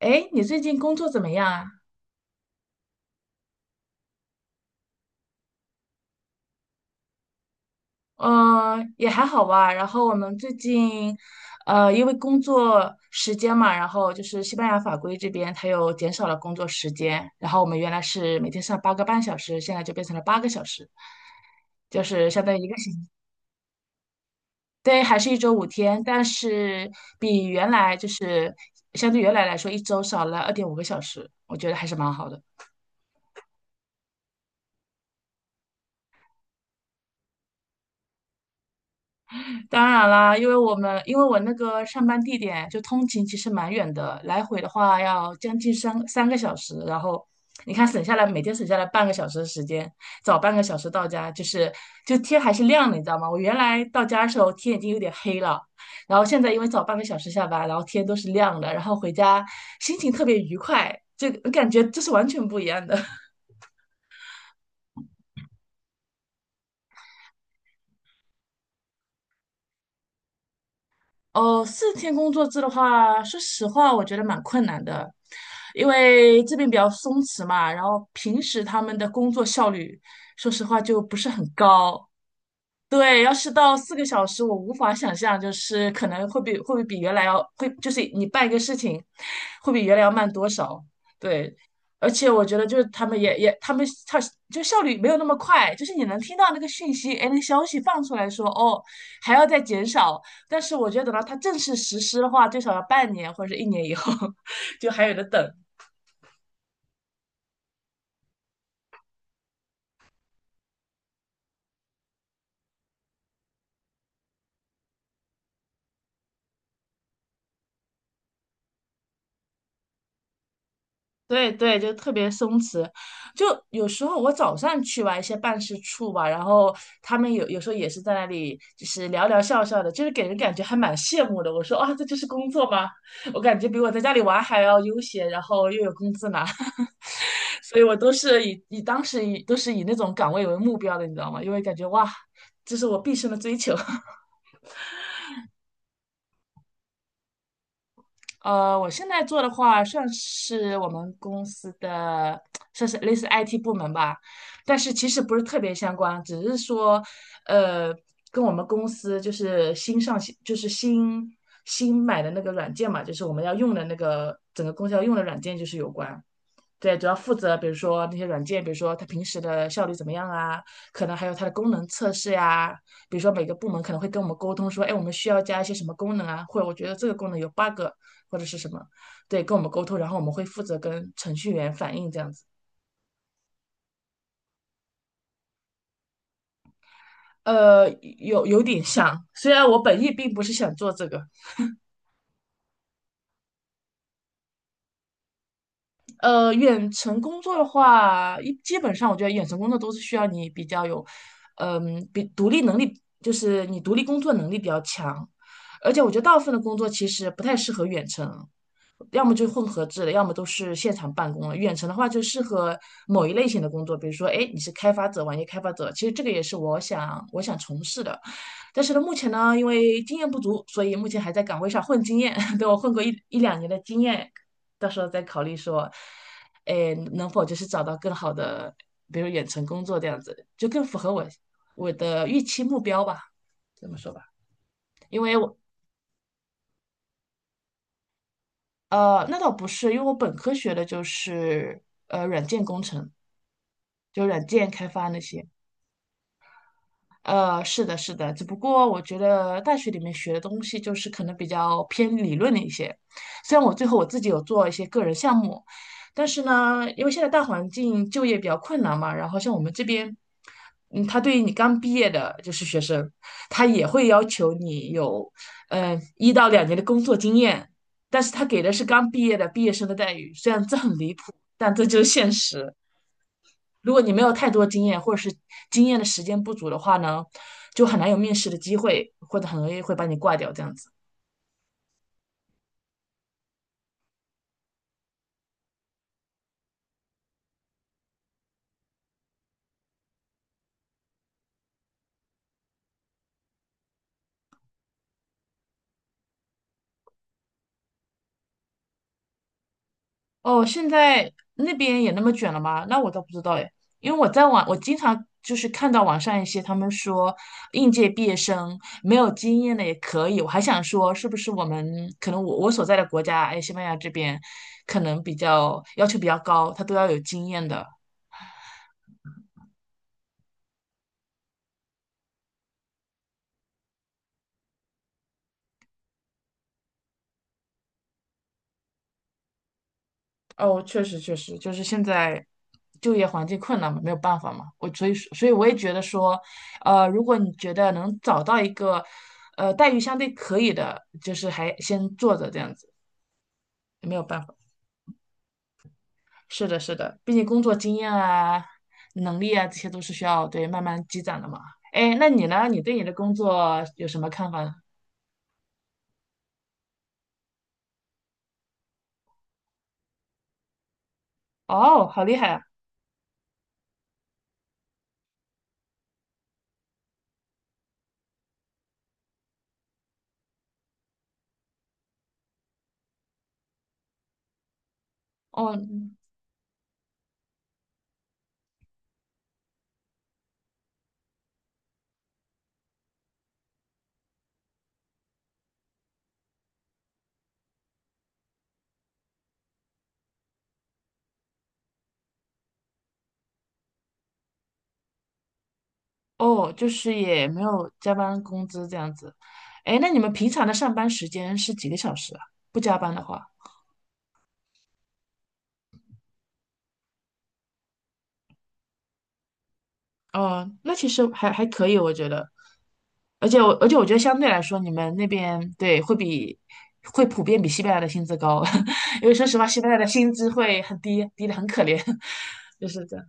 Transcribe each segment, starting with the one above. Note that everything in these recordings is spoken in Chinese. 哎，你最近工作怎么样啊？也还好吧。然后我们最近，因为工作时间嘛，然后就是西班牙法规这边它又减少了工作时间，然后我们原来是每天上8个半小时，现在就变成了8个小时，就是相当于一个星期。对，还是一周5天，但是比原来就是相对原来来说，一周少了2.5个小时，我觉得还是蛮好的。当然啦，因为我那个上班地点就通勤其实蛮远的，来回的话要将近三个小时，然后你看省下来每天省下来半个小时的时间，早半个小时到家，就是天还是亮的，你知道吗？我原来到家的时候天已经有点黑了，然后现在因为早半个小时下班，然后天都是亮的，然后回家心情特别愉快，这个感觉这是完全不一样的。哦，4天工作制的话，说实话，我觉得蛮困难的，因为这边比较松弛嘛，然后平时他们的工作效率，说实话就不是很高，对，要是到4个小时，我无法想象，就是可能会比会不会比原来要会，就是你办一个事情，会比原来要慢多少？对，而且我觉得就是他们就效率没有那么快，就是你能听到那个讯息，哎，那个消息放出来说哦还要再减少，但是我觉得等到它正式实施的话，最少要半年或者是一年以后，就还有的等。对对，就特别松弛。就有时候我早上去吧，一些办事处吧，然后他们有时候也是在那里，就是聊聊笑笑的，就是给人感觉还蛮羡慕的。我说啊，这就是工作吗？我感觉比我在家里玩还要悠闲，然后又有工资拿，所以我都是以以当时以都是以那种岗位为目标的，你知道吗？因为感觉哇，这是我毕生的追求。我现在做的话，算是我们公司的，算是类似 IT 部门吧，但是其实不是特别相关，只是说，呃，跟我们公司就是新上线，就是新买的那个软件嘛，就是我们要用的那个整个公司要用的软件就是有关。对，主要负责比如说那些软件，比如说它平时的效率怎么样啊，可能还有它的功能测试呀、比如说每个部门可能会跟我们沟通说，哎，我们需要加一些什么功能啊，或者我觉得这个功能有 bug 或者是什么，对，跟我们沟通，然后我们会负责跟程序员反映这样子。呃，有点像，虽然我本意并不是想做这个，远程工作的话，基本上我觉得远程工作都是需要你比较有，比独立能力，就是你独立工作能力比较强，而且我觉得大部分的工作其实不太适合远程，要么就混合制的，要么都是现场办公了。远程的话就适合某一类型的工作，比如说，哎，你是开发者，网页开发者，其实这个也是我想从事的。但是呢，目前呢，因为经验不足，所以目前还在岗位上混经验，等我混过一两年的经验，到时候再考虑说，哎，能否就是找到更好的，比如远程工作这样子，就更符合我的预期目标吧，这么说吧。因为我呃，那倒不是，因为我本科学的就是软件工程，就软件开发那些。是的，是的，只不过我觉得大学里面学的东西就是可能比较偏理论的一些。虽然我最后我自己有做一些个人项目，但是呢，因为现在大环境就业比较困难嘛，然后像我们这边，他对于你刚毕业的就是学生，他也会要求你有，1到2年的工作经验，但是他给的是刚毕业的毕业生的待遇，虽然这很离谱，但这就是现实。如果你没有太多经验，或者是经验的时间不足的话呢，就很难有面试的机会，或者很容易会把你挂掉这样子。哦，现在那边也那么卷了吗？那我倒不知道哎，因为我在网，我经常就是看到网上一些他们说应届毕业生没有经验的也可以，我还想说是不是我们可能我所在的国家，哎，西班牙这边可能比较要求比较高，他都要有经验的。哦，确实确实，就是现在就业环境困难嘛，没有办法嘛。我所以所以我也觉得说，如果你觉得能找到一个，待遇相对可以的，就是还先做着这样子，没有办法。是的，是的，毕竟工作经验啊、能力啊，这些都是需要对慢慢积攒的嘛。哎，那你呢？你对你的工作有什么看法呢？哦，好厉害啊！哦，哦，就是也没有加班工资这样子。哎，那你们平常的上班时间是几个小时啊？不加班的话，嗯，那其实还可以，我觉得。而且我觉得相对来说，你们那边对会比会普遍比西班牙的薪资高，因为说实话，西班牙的薪资会很低，低的很可怜，就是这样。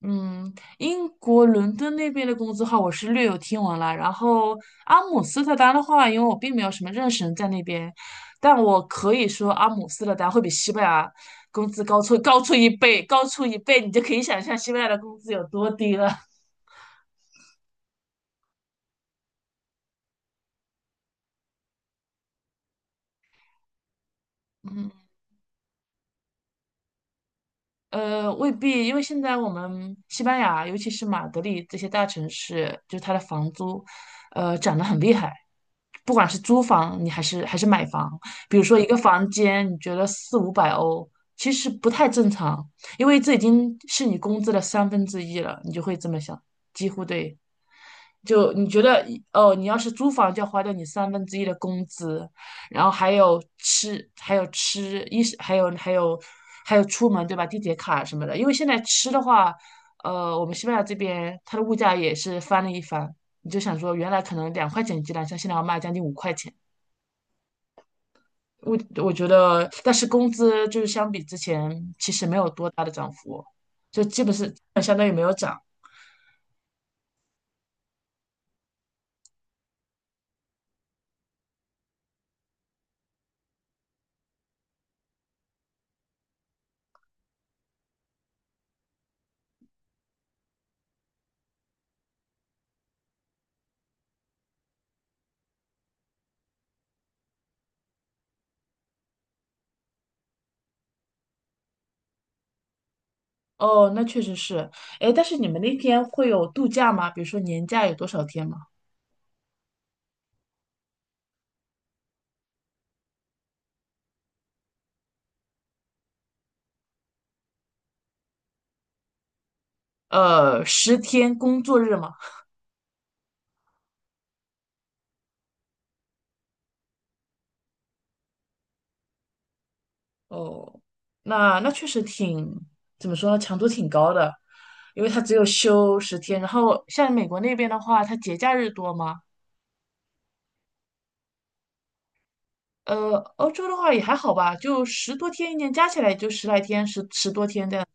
嗯，英国伦敦那边的工资的话，我是略有听闻了。然后阿姆斯特丹的话，因为我并没有什么认识人在那边，但我可以说阿姆斯特丹会比西班牙工资高出一倍，高出一倍，你就可以想象西班牙的工资有多低了。嗯。未必，因为现在我们西班牙，尤其是马德里这些大城市，就是它的房租，涨得很厉害。不管是租房，你还是买房，比如说一个房间，你觉得四五百欧，其实不太正常，因为这已经是你工资的三分之一了，你就会这么想，几乎对。就你觉得哦，你要是租房就要花掉你三分之一的工资，然后还有吃，还有吃衣食，还有出门对吧？地铁卡什么的，因为现在吃的话，我们西班牙这边它的物价也是翻了一番。你就想说，原来可能2块钱一鸡蛋，像现在要卖将近5块钱。我我觉得，但是工资就是相比之前其实没有多大的涨幅，就基本是相当于没有涨。哦，那确实是。哎，但是你们那天会有度假吗？比如说年假有多少天吗？10天工作日吗？哦，那确实挺，怎么说呢，强度挺高的，因为它只有休十天。然后像美国那边的话，它节假日多吗？欧洲的话也还好吧，就十多天，一年加起来也就十来天，十多天这样。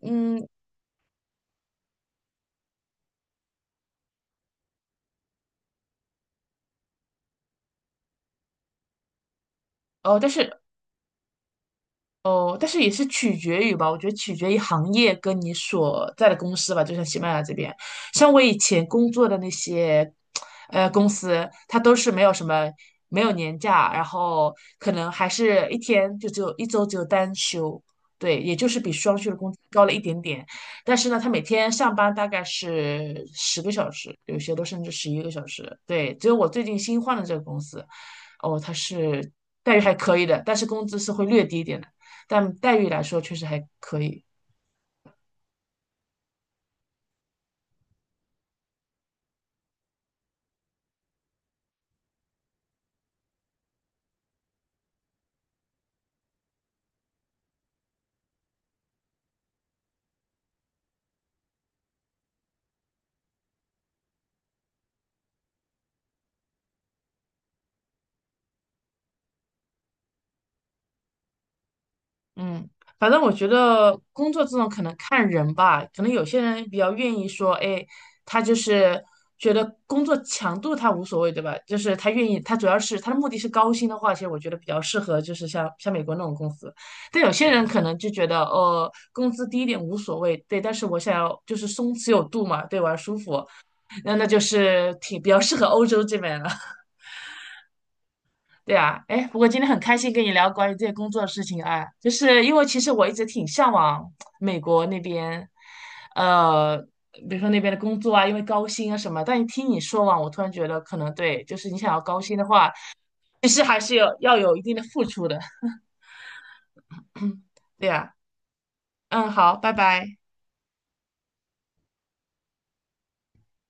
嗯，哦，但是也是取决于吧，我觉得取决于行业跟你所在的公司吧。就像西班牙这边，像我以前工作的那些，公司，它都是没有年假，然后可能还是一天就只有一周只有单休，对，也就是比双休的工资高了一点点。但是呢，他每天上班大概是10个小时，有些都甚至11个小时。对，只有我最近新换的这个公司，哦，它是待遇还可以的，但是工资是会略低一点的。但待遇来说确实还可以。嗯，反正我觉得工作这种可能看人吧，可能有些人比较愿意说，哎，他就是觉得工作强度他无所谓，对吧？就是他愿意，他主要是他的目的是高薪的话，其实我觉得比较适合就是像美国那种公司。但有些人可能就觉得，哦，工资低一点无所谓，对，但是我想要就是松弛有度嘛，对，我要舒服，那就是挺比较适合欧洲这边了。对啊，哎，不过今天很开心跟你聊关于这些工作的事情啊，就是因为其实我一直挺向往美国那边，呃，比如说那边的工作啊，因为高薪啊什么。但一听你说完，我突然觉得可能对，就是你想要高薪的话，其实还是有要有一定的付出的。对呀，嗯，好，拜拜。